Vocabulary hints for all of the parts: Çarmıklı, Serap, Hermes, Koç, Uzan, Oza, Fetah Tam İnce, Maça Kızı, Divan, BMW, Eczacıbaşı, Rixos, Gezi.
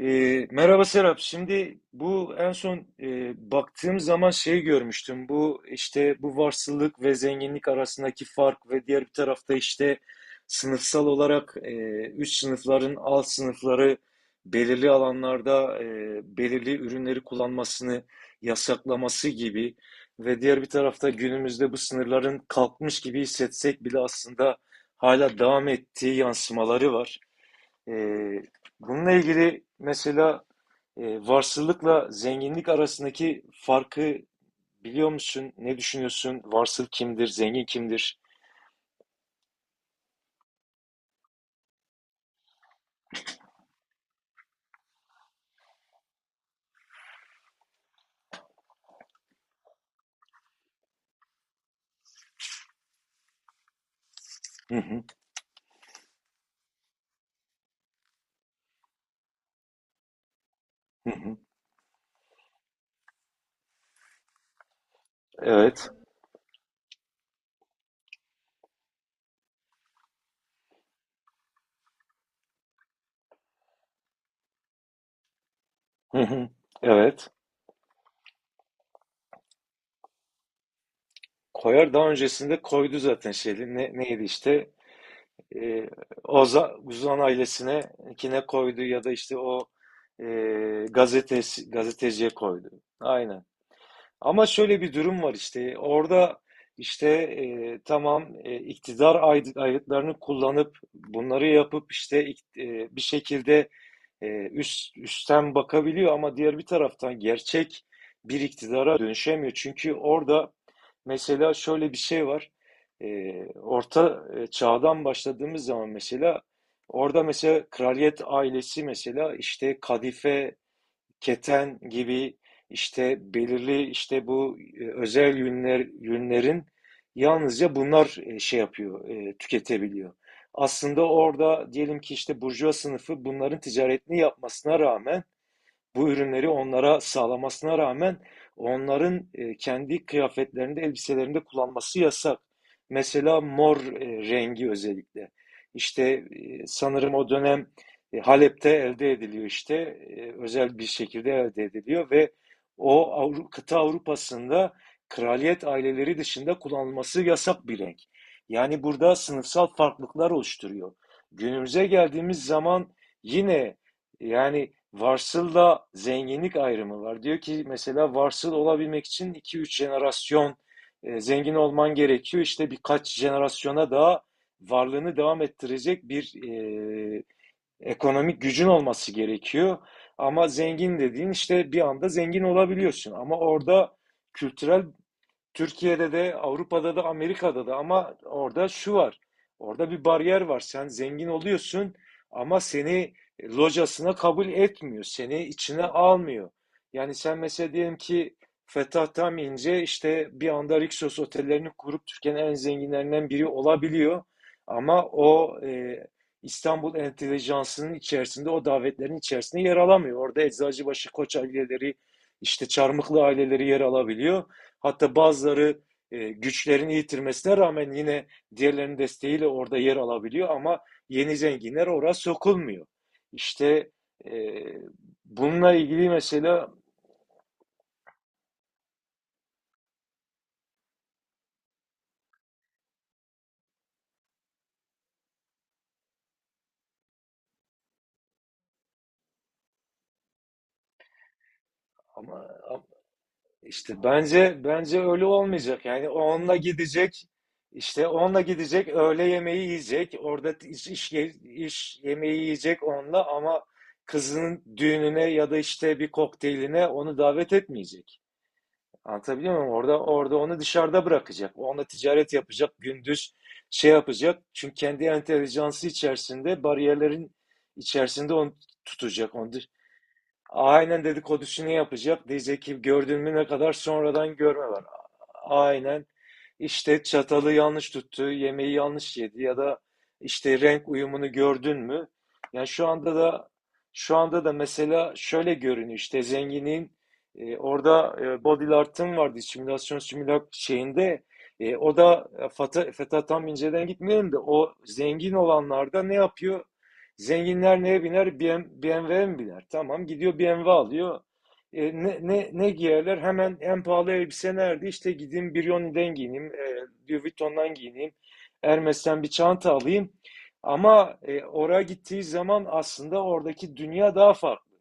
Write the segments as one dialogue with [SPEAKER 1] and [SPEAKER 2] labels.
[SPEAKER 1] Merhaba Serap. Şimdi bu en son baktığım zaman şey görmüştüm. Bu işte bu varsılık ve zenginlik arasındaki fark ve diğer bir tarafta işte sınıfsal olarak üst sınıfların alt sınıfları belirli alanlarda belirli ürünleri kullanmasını yasaklaması gibi ve diğer bir tarafta günümüzde bu sınırların kalkmış gibi hissetsek bile aslında hala devam ettiği yansımaları var. Ee, Bununla ilgili mesela e, varsılıkla zenginlik arasındaki farkı biliyor musun? Ne düşünüyorsun? Varsıl kimdir? Zengin kimdir? Hı hı, hı hı. Evet. Hı hı. Evet. Koyar, daha öncesinde koydu zaten şeyli. Neydi işte? Ee, Uzan ailesine kine koydu ya da işte o e, gazetesi, gazeteciye koydu. Aynen. Ama şöyle bir durum var işte orada işte tamam iktidar ayıtlarını kullanıp bunları yapıp işte bir şekilde üst üstten bakabiliyor ama diğer bir taraftan gerçek bir iktidara dönüşemiyor. Çünkü orada mesela şöyle bir şey var. E, Orta Çağ'dan başladığımız zaman mesela orada mesela kraliyet ailesi mesela işte kadife, keten gibi işte belirli işte bu özel yünler, yünlerin, yalnızca bunlar şey yapıyor, tüketebiliyor. Aslında orada diyelim ki işte burjuva sınıfı bunların ticaretini yapmasına rağmen, bu ürünleri onlara sağlamasına rağmen onların kendi kıyafetlerinde, elbiselerinde kullanması yasak. Mesela mor rengi özellikle. İşte sanırım o dönem Halep'te elde ediliyor işte. Özel bir şekilde elde ediliyor ve o kıta Avrupa'sında kraliyet aileleri dışında kullanılması yasak bir renk. Yani burada sınıfsal farklılıklar oluşturuyor. Günümüze geldiğimiz zaman yine yani varsılla zenginlik ayrımı var. Diyor ki mesela varsıl olabilmek için iki üç jenerasyon zengin olman gerekiyor. İşte birkaç jenerasyona daha varlığını devam ettirecek bir ekonomik gücün olması gerekiyor. Ama zengin dediğin işte bir anda zengin olabiliyorsun. Ama orada kültürel, Türkiye'de de, Avrupa'da da, Amerika'da da, ama orada şu var. Orada bir bariyer var. Sen zengin oluyorsun ama seni locasına kabul etmiyor. Seni içine almıyor. Yani sen mesela diyelim ki Fetah Tam İnce işte bir anda Rixos otellerini kurup Türkiye'nin en zenginlerinden biri olabiliyor. Ama o İstanbul entelijansının içerisinde, o davetlerin içerisinde yer alamıyor. Orada Eczacıbaşı, Koç aileleri, işte Çarmıklı aileleri yer alabiliyor. Hatta bazıları güçlerini yitirmesine rağmen yine diğerlerinin desteğiyle orada yer alabiliyor ama yeni zenginler oraya sokulmuyor. İşte e, bununla ilgili mesela ama işte bence öyle olmayacak. Yani onunla gidecek, işte onunla gidecek, öğle yemeği yiyecek, orada iş yemeği yiyecek onunla, ama kızının düğününe ya da işte bir kokteyline onu davet etmeyecek. Anlatabiliyor muyum? Orada onu dışarıda bırakacak. Onunla ticaret yapacak, gündüz şey yapacak. Çünkü kendi entelijansı içerisinde, bariyerlerin içerisinde onu tutacak. Aynen dedikodusunu yapacak. Diyecek ki gördün mü ne kadar sonradan görme var. Aynen. işte çatalı yanlış tuttu, yemeği yanlış yedi ya da işte renk uyumunu gördün mü? Yani şu anda da mesela şöyle görünüyor, işte zenginin orada Body Art'ın vardı simülasyon, simülak şeyinde, o da Feta tam inceden gitmiyorum da o zengin olanlarda ne yapıyor? Zenginler neye biner? BMW 'ye mi biner? Tamam, gidiyor BMW alıyor. Ne giyerler? Hemen en pahalı elbise nerede? İşte gideyim Brioni'den giyineyim, Louis Vuitton'dan giyineyim, Hermes'ten bir çanta alayım. Ama oraya gittiği zaman aslında oradaki dünya daha farklı.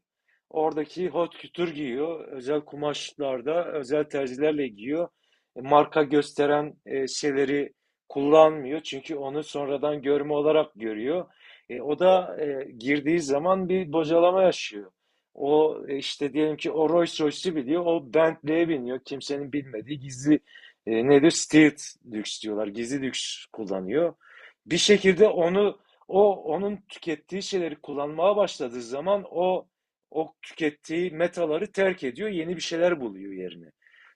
[SPEAKER 1] Oradaki haute couture giyiyor. Özel kumaşlarda, özel terzilerle giyiyor. Marka gösteren şeyleri kullanmıyor. Çünkü onu sonradan görme olarak görüyor. O da girdiği zaman bir bocalama yaşıyor. O işte diyelim ki o Rolls Royce'u biliyor. O Bentley'e biniyor. Kimsenin bilmediği gizli nedir? Stealth lüks diyorlar. Gizli lüks kullanıyor. Bir şekilde onun tükettiği şeyleri kullanmaya başladığı zaman o tükettiği metaları terk ediyor, yeni bir şeyler buluyor yerine.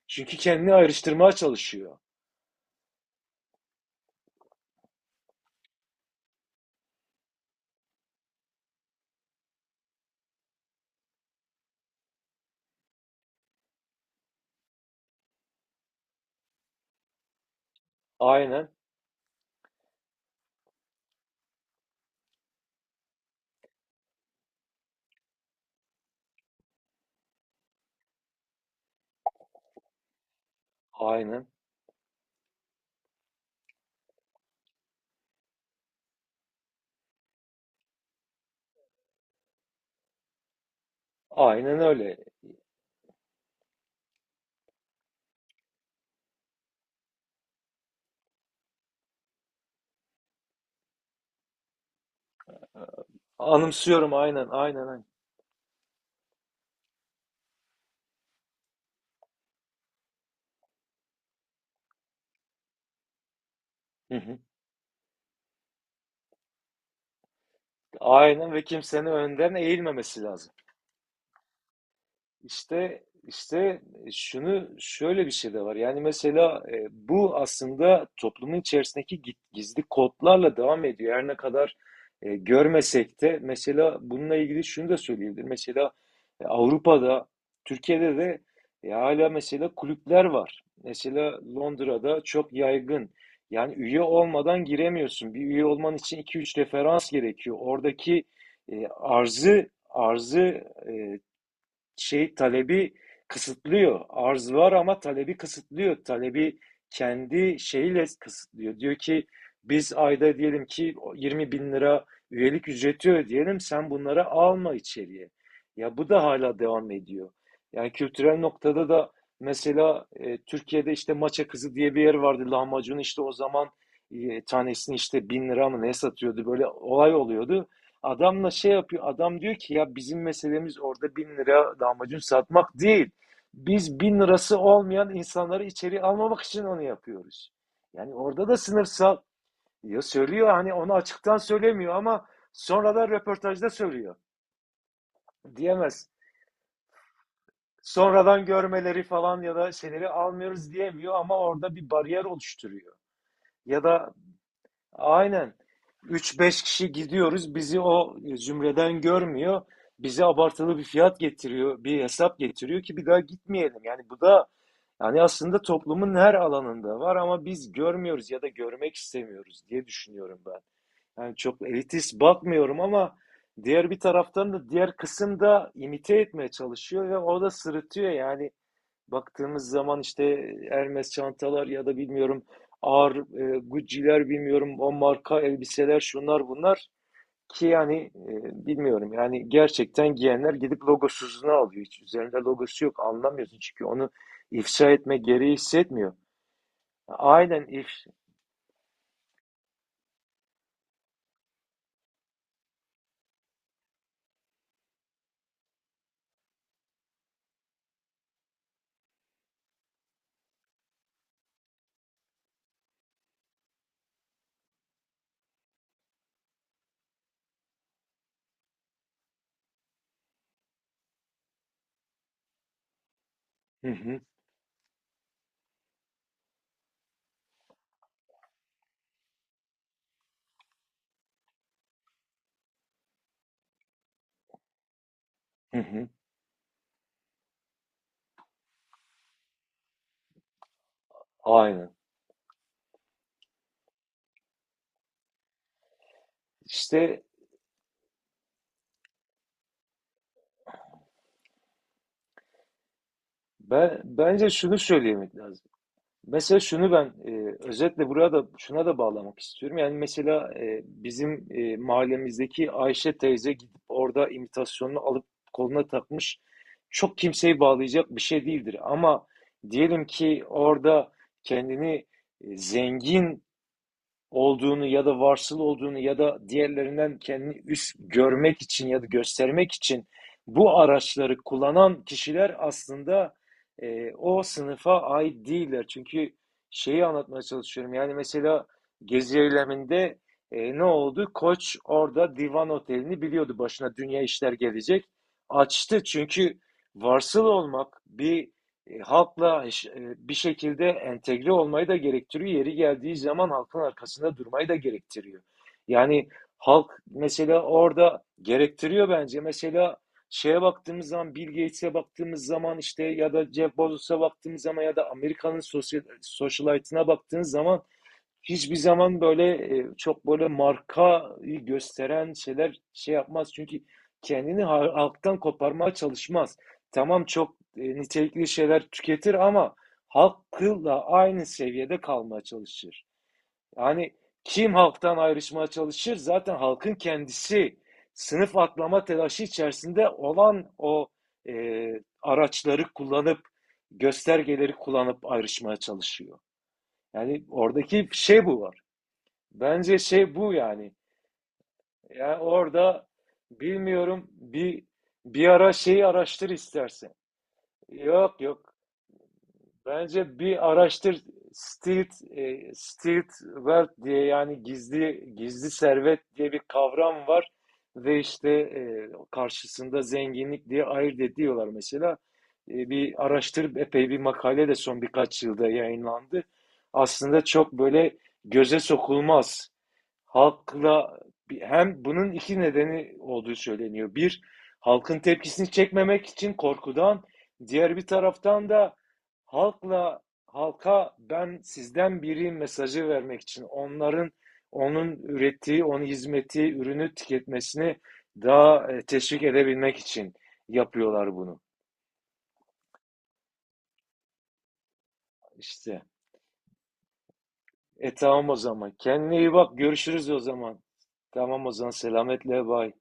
[SPEAKER 1] Çünkü kendini ayrıştırmaya çalışıyor. Aynen, aynen, aynen öyle. Anımsıyorum, aynen, aynen, aynen. Hı hı. Aynen, ve kimsenin önden eğilmemesi lazım. İşte şunu, şöyle bir şey de var. Yani mesela bu aslında toplumun içerisindeki gizli kodlarla devam ediyor. Her ne kadar görmesek de mesela bununla ilgili şunu da söyleyebilirim. Mesela Avrupa'da, Türkiye'de de hala mesela kulüpler var. Mesela Londra'da çok yaygın. Yani üye olmadan giremiyorsun. Bir üye olman için iki üç referans gerekiyor. Oradaki e, arzı arzı e, şey, talebi kısıtlıyor. Arz var ama talebi kısıtlıyor. Talebi kendi şeyiyle kısıtlıyor. Diyor ki biz ayda diyelim ki 20 bin lira üyelik ücreti ödeyelim, sen bunlara alma içeriye. Ya bu da hala devam ediyor. Yani kültürel noktada da mesela Türkiye'de işte Maça Kızı diye bir yer vardı. Lahmacun işte o zaman tanesini işte bin lira mı ne satıyordu, böyle olay oluyordu. Adamla şey yapıyor. Adam diyor ki ya bizim meselemiz orada bin lira damacun satmak değil. Biz bin lirası olmayan insanları içeri almamak için onu yapıyoruz. Yani orada da sınıfsal, ya söylüyor, hani onu açıktan söylemiyor ama sonradan röportajda söylüyor. Diyemez. Sonradan görmeleri falan ya da şeyleri almıyoruz diyemiyor, ama orada bir bariyer oluşturuyor. Ya da aynen. Üç beş kişi gidiyoruz. Bizi o zümreden görmüyor. Bize abartılı bir fiyat getiriyor, bir hesap getiriyor ki bir daha gitmeyelim. Yani bu da, yani aslında toplumun her alanında var ama biz görmüyoruz ya da görmek istemiyoruz diye düşünüyorum ben. Yani çok elitist bakmıyorum ama diğer bir taraftan da diğer kısım da imite etmeye çalışıyor ve o da sırıtıyor yani. Baktığımız zaman işte Hermes çantalar ya da bilmiyorum ağır Gucci'ler, bilmiyorum, o marka elbiseler, şunlar bunlar ki yani bilmiyorum, yani gerçekten giyenler gidip logosuzunu alıyor. Hiç üzerinde logosu yok, anlamıyorsun, çünkü onu ifşa etme gereği hissetmiyor. Aynen if Hı hı, hı hı. Aynen. İşte bence şunu söylemek lazım. Mesela şunu ben özetle buraya da, şuna da bağlamak istiyorum. Yani mesela bizim mahallemizdeki Ayşe teyze gidip orada imitasyonunu alıp koluna takmış, çok kimseyi bağlayacak bir şey değildir. Ama diyelim ki orada kendini zengin olduğunu ya da varsıl olduğunu ya da diğerlerinden kendini üst görmek için ya da göstermek için bu araçları kullanan kişiler aslında o sınıfa ait değiller. Çünkü şeyi anlatmaya çalışıyorum. Yani mesela Gezi eyleminde ne oldu? Koç orada Divan Otel'ini biliyordu. Başına dünya işler gelecek. Açtı, çünkü varsıl olmak bir halkla bir şekilde entegre olmayı da gerektiriyor. Yeri geldiği zaman halkın arkasında durmayı da gerektiriyor. Yani halk mesela orada gerektiriyor bence. Mesela şeye baktığımız zaman, Bill Gates'e baktığımız zaman, işte ya da Jeff Bezos'a baktığımız zaman ya da Amerika'nın sosyal, socialite'ına baktığınız zaman hiçbir zaman böyle çok böyle markayı gösteren şeyler şey yapmaz. Çünkü kendini halktan koparmaya çalışmaz. Tamam, çok nitelikli şeyler tüketir ama halkla aynı seviyede kalmaya çalışır. Yani kim halktan ayrışmaya çalışır? Zaten halkın kendisi, sınıf atlama telaşı içerisinde olan, o e, araçları kullanıp, göstergeleri kullanıp ayrışmaya çalışıyor. Yani oradaki şey bu. Bence şey bu yani. Yani orada bilmiyorum, bir ara şeyi araştır istersen. Yok yok. Bence bir araştır, stealth wealth diye, yani gizli gizli servet diye bir kavram var ve işte karşısında zenginlik diye ayırt ediyorlar mesela. Bir araştır, epey bir makale de son birkaç yılda yayınlandı. Aslında çok böyle göze sokulmaz. Halkla hem bunun iki nedeni olduğu söyleniyor. Bir, halkın tepkisini çekmemek için korkudan, diğer bir taraftan da halkla halka ben sizden biri mesajı vermek için onun ürettiği, onun hizmeti, ürünü tüketmesini daha teşvik edebilmek için yapıyorlar bunu. İşte. E tamam o zaman. Kendine iyi bak. Görüşürüz o zaman. Tamam o zaman. Selametle. Bay.